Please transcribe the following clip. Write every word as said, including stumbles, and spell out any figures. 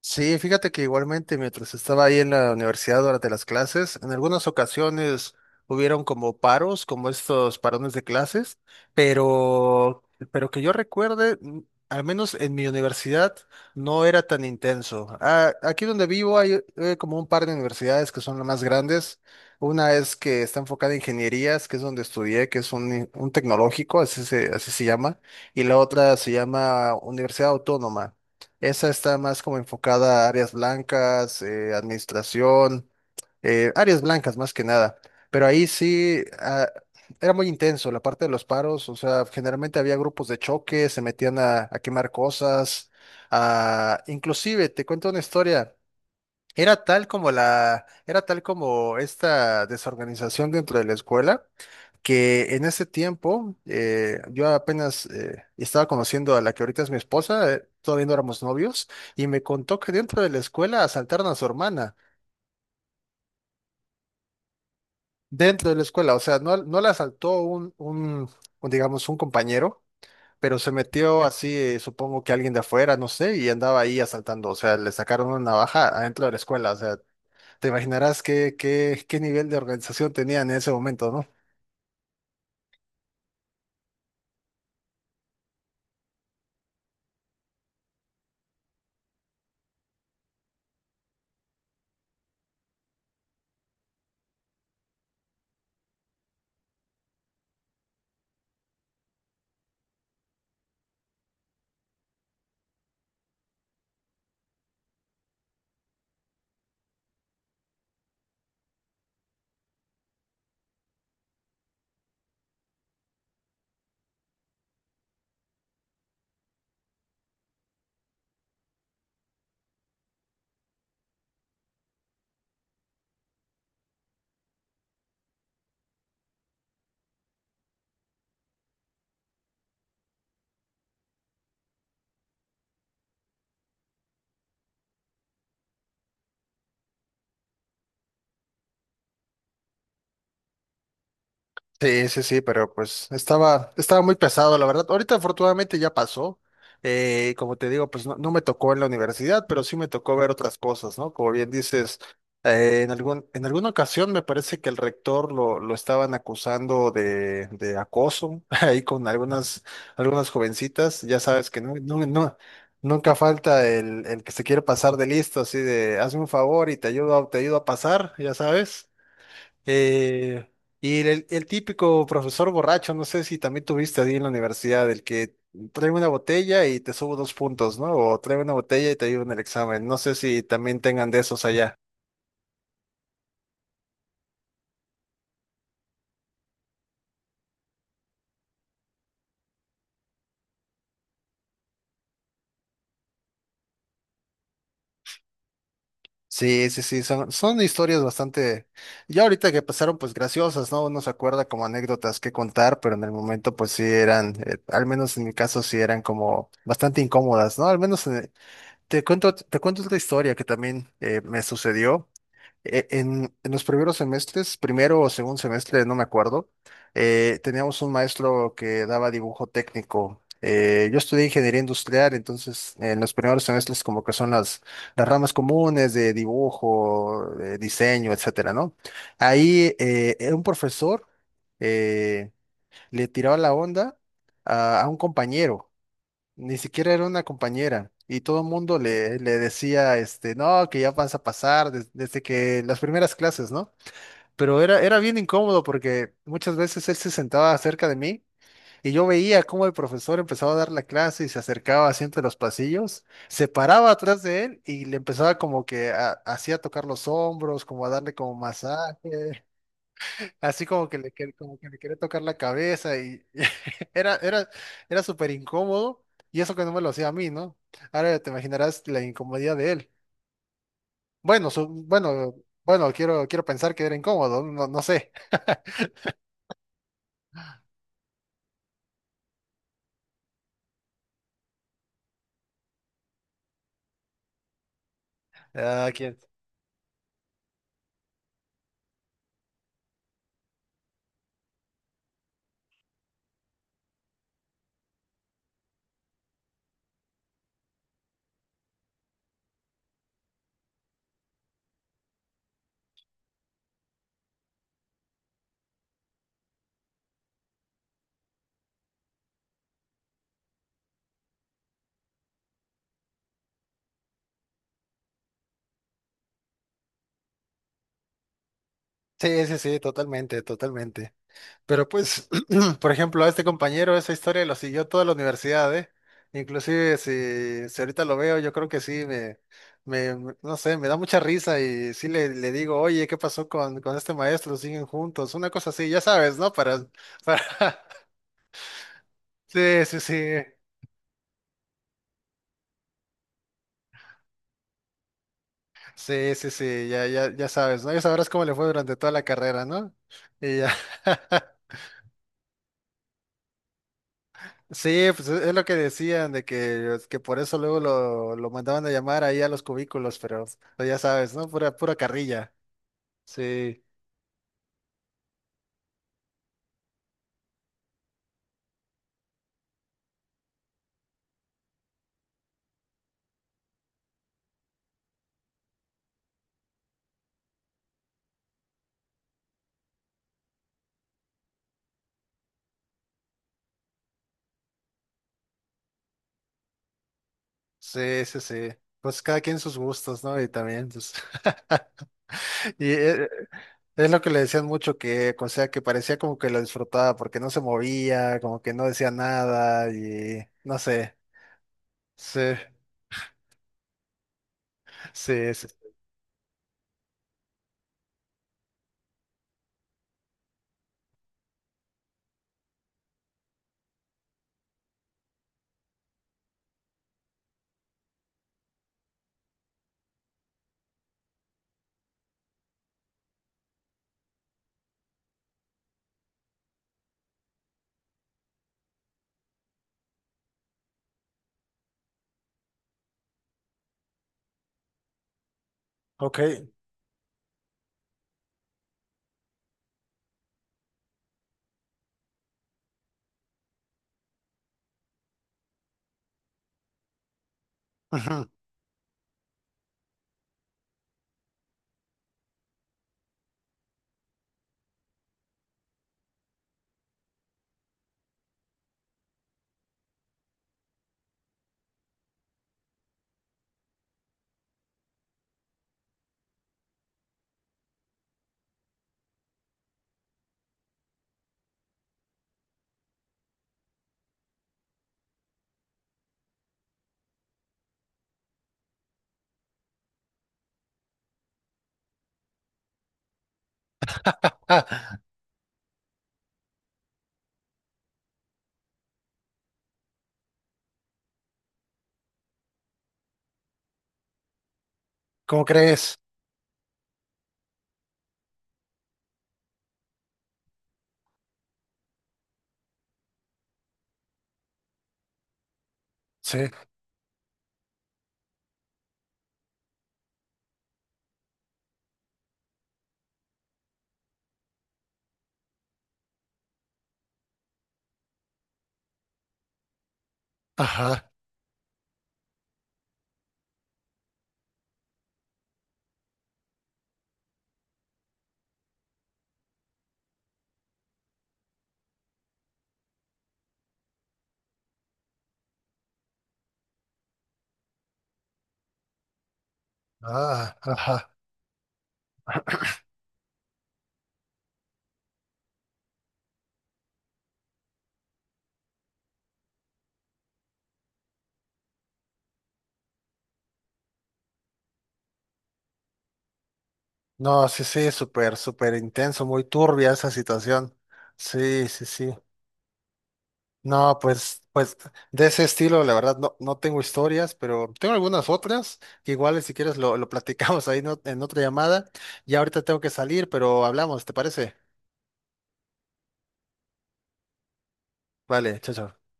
Sí, fíjate que igualmente mientras estaba ahí en la universidad durante las clases, en algunas ocasiones hubieron como paros, como estos parones de clases, pero, pero que yo recuerde, mm, al menos en mi universidad, no era tan intenso. Ah, aquí donde vivo hay eh, como un par de universidades que son las más grandes. Una es que está enfocada en ingenierías, que es donde estudié, que es un, un tecnológico, así se, así se llama, y la otra se llama Universidad Autónoma. Esa está más como enfocada a áreas blancas, eh, administración, eh, áreas blancas más que nada. Pero ahí sí, ah, era muy intenso la parte de los paros, o sea, generalmente había grupos de choque, se metían a, a quemar cosas, ah, inclusive, te cuento una historia, era tal como la, era tal como esta desorganización dentro de la escuela, que en ese tiempo eh, yo apenas eh, estaba conociendo a la que ahorita es mi esposa, eh, todavía no éramos novios, y me contó que dentro de la escuela asaltaron a su hermana, dentro de la escuela, o sea, no, no la asaltó un, un, un, digamos, un compañero, pero se metió así, eh, supongo que alguien de afuera, no sé, y andaba ahí asaltando, o sea, le sacaron una navaja adentro de la escuela, o sea, te imaginarás qué, qué, qué nivel de organización tenía en ese momento, ¿no? Sí, sí, sí, pero pues estaba, estaba muy pesado, la verdad. Ahorita afortunadamente ya pasó. Eh, como te digo, pues no, no me tocó en la universidad, pero sí me tocó ver otras cosas, ¿no? Como bien dices, eh, en algún, en alguna ocasión me parece que el rector lo, lo estaban acusando de, de acoso ahí con algunas, algunas jovencitas. Ya sabes que no, no, no, nunca falta el, el que se quiere pasar de listo, así de hazme un favor y te ayudo, a- te ayudo a pasar, ya sabes. Eh, y el, el típico profesor borracho, no sé si también tuviste ahí en la universidad, el que trae una botella y te subo dos puntos, ¿no? O trae una botella y te ayuda en el examen. No sé si también tengan de esos allá. Sí, sí, sí, son, son historias bastante, ya ahorita que pasaron pues graciosas, ¿no? Uno se acuerda como anécdotas que contar, pero en el momento pues sí eran, eh, al menos en mi caso sí eran como bastante incómodas, ¿no? Al menos eh, te cuento, te cuento otra historia que también eh, me sucedió. E- En, en los primeros semestres, primero o segundo semestre, no me acuerdo, eh, teníamos un maestro que daba dibujo técnico. Eh, yo estudié ingeniería industrial, entonces en los primeros semestres como que son las, las ramas comunes de dibujo, de diseño, etcétera, ¿no? Ahí eh, eh, un profesor eh, le tiró la onda a, a un compañero. Ni siquiera era una compañera y todo el mundo le, le decía, este, no, que ya vas a pasar des- desde que las primeras clases, ¿no? Pero era, era bien incómodo porque muchas veces él se sentaba cerca de mí y yo veía cómo el profesor empezaba a dar la clase y se acercaba así entre los pasillos, se paraba atrás de él y le empezaba como que a- así a tocar los hombros, como a darle como masaje. Así como que le, quiere- como que le quiere tocar la cabeza y era, era, era súper incómodo y eso que no me lo hacía a mí, ¿no? Ahora te imaginarás la incomodidad de él. Bueno, su- bueno, bueno, quiero, quiero pensar que era incómodo, no, no sé. Ah, quién- Sí, sí, sí, totalmente, totalmente. Pero pues, por ejemplo, a este compañero esa historia lo siguió toda la universidad, ¿eh? Inclusive si, si ahorita lo veo, yo creo que sí, me, me, me- no sé, me da mucha risa y sí le, le digo, oye, ¿qué pasó con, con este maestro? ¿Siguen juntos? Una cosa así, ya sabes, ¿no? Para, para... Sí, sí, sí, sí, sí, sí, ya, ya, ya sabes, ¿no? Ya sabrás cómo le fue durante toda la carrera, ¿no? Y ya. Sí, pues es es lo que decían, de que, que por eso luego lo, lo mandaban a llamar ahí a los cubículos, pero pues, ya sabes, ¿no? Pura, pura carrilla. Sí, sí, sí, sí. Pues cada quien sus gustos, ¿no? Y también, pues. Y eh, es, lo que le decían mucho que, o sea, que parecía como que lo disfrutaba porque no se movía, como que no decía nada y no sé. Sí, sí, sí. Ok. Ujú. Ah, ¿cómo crees? Sí. Ajá. Ah, ajá. No, sí, sí, súper, súper intenso, muy turbia esa situación. Sí, sí, sí. No, pues, pues de ese estilo, la verdad, no, no tengo historias, pero tengo algunas otras, que igual si quieres lo, lo platicamos ahí no- en otra llamada. Ya ahorita tengo que salir, pero hablamos, ¿te parece? Vale, chao, chao.